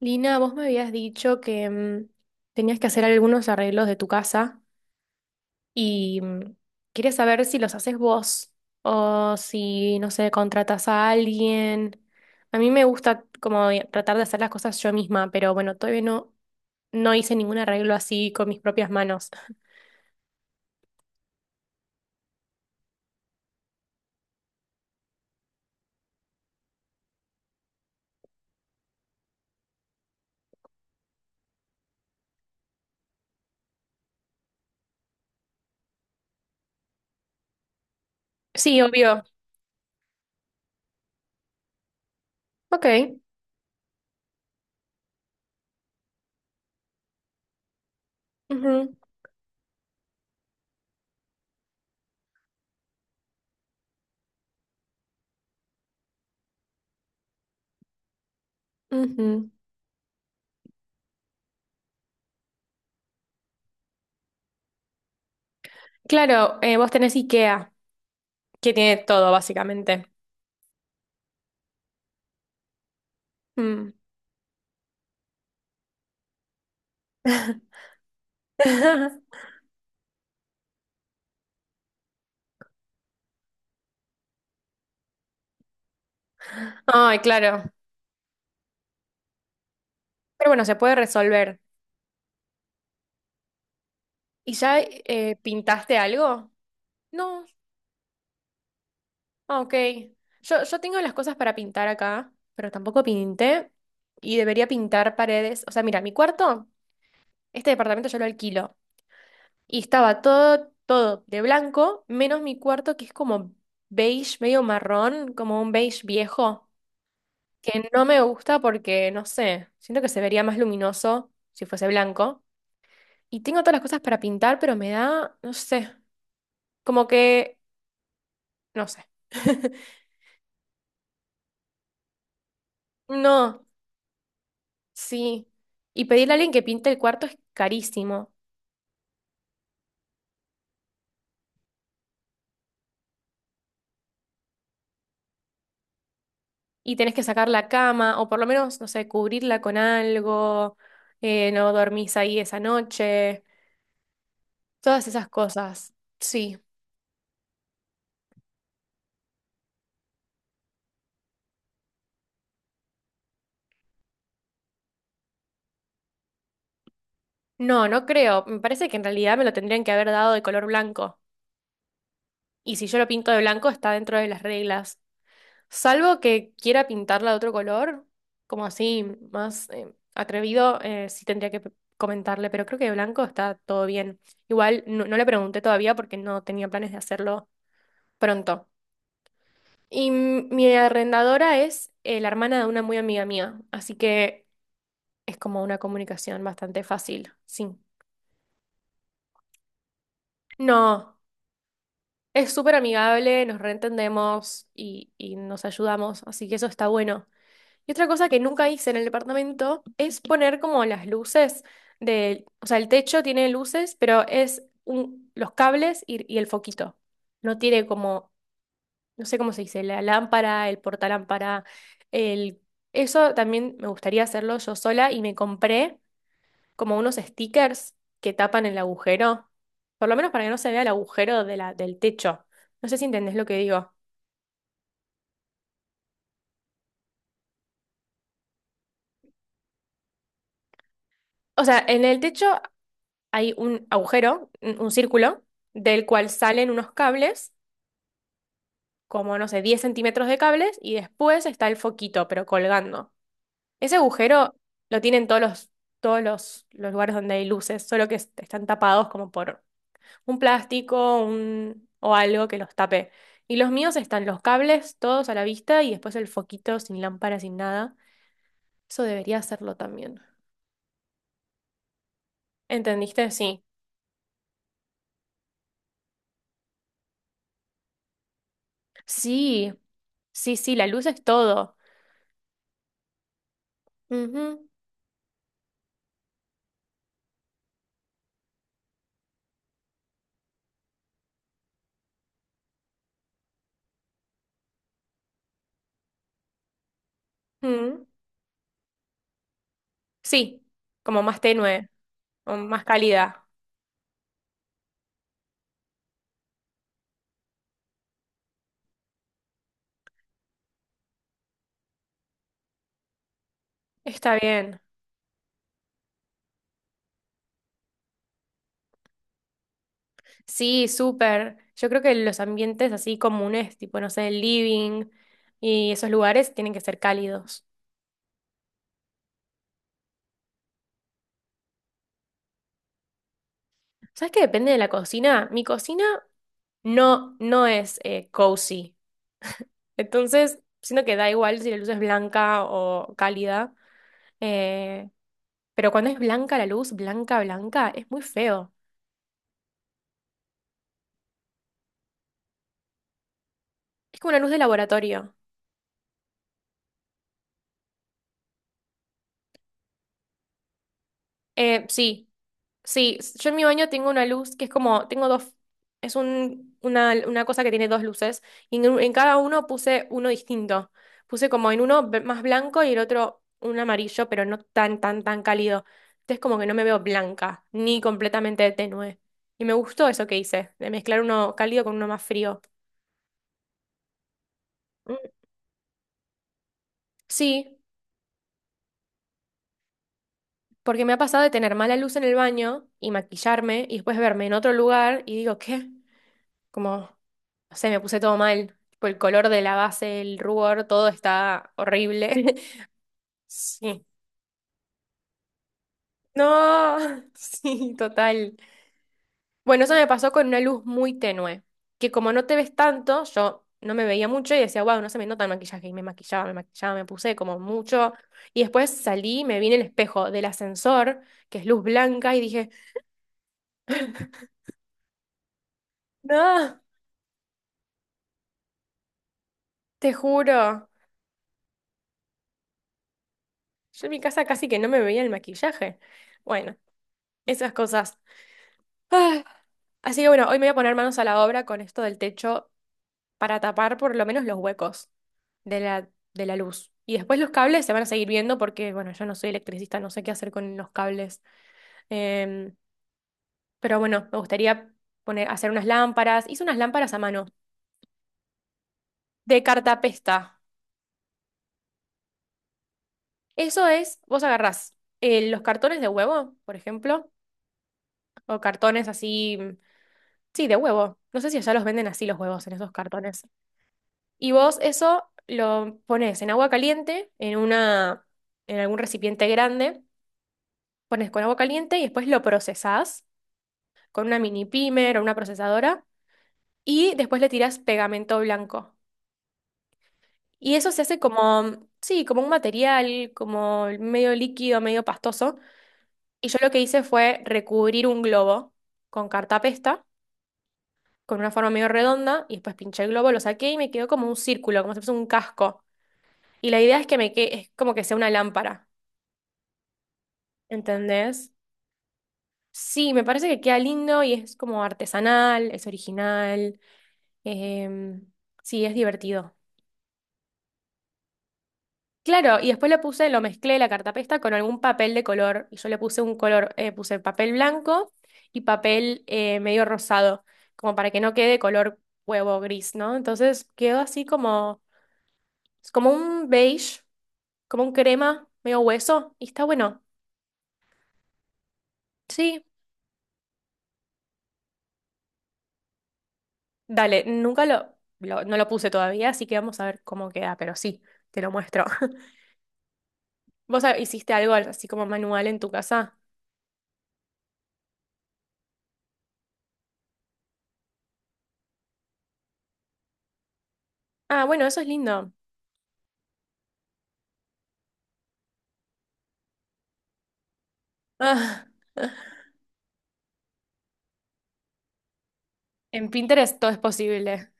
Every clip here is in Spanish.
Lina, vos me habías dicho que tenías que hacer algunos arreglos de tu casa y quería saber si los haces vos o si, no sé, contratas a alguien. A mí me gusta como tratar de hacer las cosas yo misma, pero bueno, todavía no hice ningún arreglo así con mis propias manos. Sí, obvio. Ok. Ujú, ujú. Claro, vos tenés IKEA, que tiene todo básicamente. Mm. Ay, claro. Pero bueno, se puede resolver. ¿Y ya pintaste algo? No, ah, ok. Yo tengo las cosas para pintar acá, pero tampoco pinté y debería pintar paredes. O sea, mira, mi cuarto, este departamento yo lo alquilo y estaba todo de blanco, menos mi cuarto que es como beige, medio marrón, como un beige viejo, que no me gusta porque, no sé, siento que se vería más luminoso si fuese blanco. Y tengo todas las cosas para pintar, pero me da, no sé, como que, no sé. No, sí. Y pedirle a alguien que pinte el cuarto es carísimo. Y tenés que sacar la cama, o por lo menos, no sé, cubrirla con algo, no dormís ahí esa noche, todas esas cosas. Sí. No, no creo. Me parece que en realidad me lo tendrían que haber dado de color blanco. Y si yo lo pinto de blanco, está dentro de las reglas. Salvo que quiera pintarla de otro color, como así, más atrevido, sí tendría que comentarle, pero creo que de blanco está todo bien. Igual no, no le pregunté todavía porque no tenía planes de hacerlo pronto. Y mi arrendadora es la hermana de una muy amiga mía, así que es como una comunicación bastante fácil, sí. No, es súper amigable, nos reentendemos y nos ayudamos, así que eso está bueno. Y otra cosa que nunca hice en el departamento es poner como las luces del, o sea, el techo tiene luces, pero es los cables y el foquito. No tiene como, no sé cómo se dice, la lámpara, el portalámpara, el... Eso también me gustaría hacerlo yo sola y me compré como unos stickers que tapan el agujero, por lo menos para que no se vea el agujero de la, del techo. No sé si entendés lo que digo. O sea, en el techo hay un agujero, un círculo, del cual salen unos cables, como no sé, 10 centímetros de cables, y después está el foquito, pero colgando. Ese agujero lo tienen todos los lugares donde hay luces, solo que están tapados como por un plástico o algo que los tape. Y los míos están los cables, todos a la vista, y después el foquito sin lámpara, sin nada. Eso debería hacerlo también. ¿Entendiste? Sí. Sí, sí, sí, la luz es todo. Ujú. Mm. Sí, como más tenue o más cálida. Está bien. Sí, súper. Yo creo que los ambientes así comunes, tipo, no sé, el living y esos lugares tienen que ser cálidos. ¿Sabes qué depende de la cocina? Mi cocina no, no es cozy. Entonces, siento que da igual si la luz es blanca o cálida. Eh, pero cuando es blanca la luz, blanca, blanca, es muy feo. Es como una luz de laboratorio. Sí. Sí, yo en mi baño tengo una luz que es como, tengo dos, es una cosa que tiene dos luces y en cada uno puse uno distinto. Puse como en uno más blanco y el otro un amarillo, pero no tan cálido. Entonces como que no me veo blanca, ni completamente tenue. Y me gustó eso que hice, de mezclar uno cálido con uno más frío. Mm, sí, porque me ha pasado de tener mala luz en el baño y maquillarme y después verme en otro lugar y digo, ¿qué? Como, no sé, me puse todo mal. Tipo, el color de la base, el rubor, todo está horrible. Sí. No, sí, total. Bueno, eso me pasó con una luz muy tenue, que como no te ves tanto, yo no me veía mucho y decía, wow, no se me nota el maquillaje. Y me maquillaba, me maquillaba, me puse como mucho. Y después salí, y me vi en el espejo del ascensor, que es luz blanca, y dije, no, te juro. Yo en mi casa casi que no me veía el maquillaje. Bueno, esas cosas. Así que bueno, hoy me voy a poner manos a la obra con esto del techo para tapar por lo menos los huecos de la luz. Y después los cables se van a seguir viendo porque, bueno, yo no soy electricista, no sé qué hacer con los cables. Em, pero bueno, me gustaría poner, hacer unas lámparas. Hice unas lámparas a mano de cartapesta. Eso es, vos agarrás los cartones de huevo, por ejemplo, o cartones así, mm, sí, de huevo. No sé si allá los venden así los huevos en esos cartones. Y vos eso lo pones en agua caliente, en una, en algún recipiente grande, pones con agua caliente y después lo procesás con una mini pimer o una procesadora y después le tirás pegamento blanco. Y eso se hace como, sí, como un material, como medio líquido, medio pastoso. Y yo lo que hice fue recubrir un globo con cartapesta, con una forma medio redonda, y después pinché el globo, lo saqué y me quedó como un círculo, como si fuese un casco. Y la idea es que me que es como que sea una lámpara. ¿Entendés? Sí, me parece que queda lindo y es como artesanal, es original. em, sí, es divertido. Claro, y después le puse, lo mezclé la cartapesta con algún papel de color. Y yo le puse un color, puse papel blanco y papel medio rosado, como para que no quede color huevo gris, ¿no? Entonces quedó así como, es como un beige, como un crema, medio hueso, y está bueno. Sí, dale, nunca lo, lo- no lo puse todavía, así que vamos a ver cómo queda, pero sí, te lo muestro. ¿Vos hiciste algo así como manual en tu casa? Ah, bueno, eso es lindo. Ah, en Pinterest todo es posible.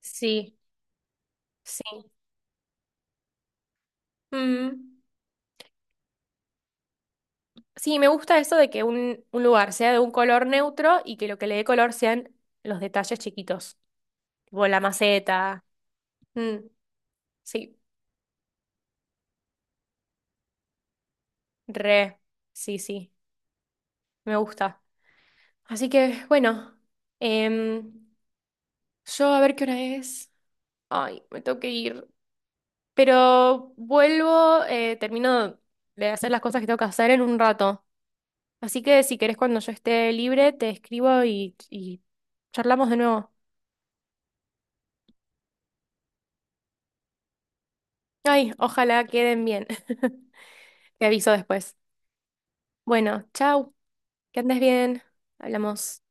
Sí, sí. Mm, sí, me gusta eso de que un lugar sea de un color neutro y que lo que le dé color sean los detalles chiquitos, tipo la maceta. Mm, sí, re, sí, sí, me gusta. Así que, bueno. em, Yo a ver qué hora es. Ay, me tengo que ir. Pero vuelvo, termino de hacer las cosas que tengo que hacer en un rato. Así que si querés cuando yo esté libre, te escribo y charlamos de nuevo. Ay, ojalá queden bien. Te aviso después. Bueno, chau. Que andes bien. Hablamos.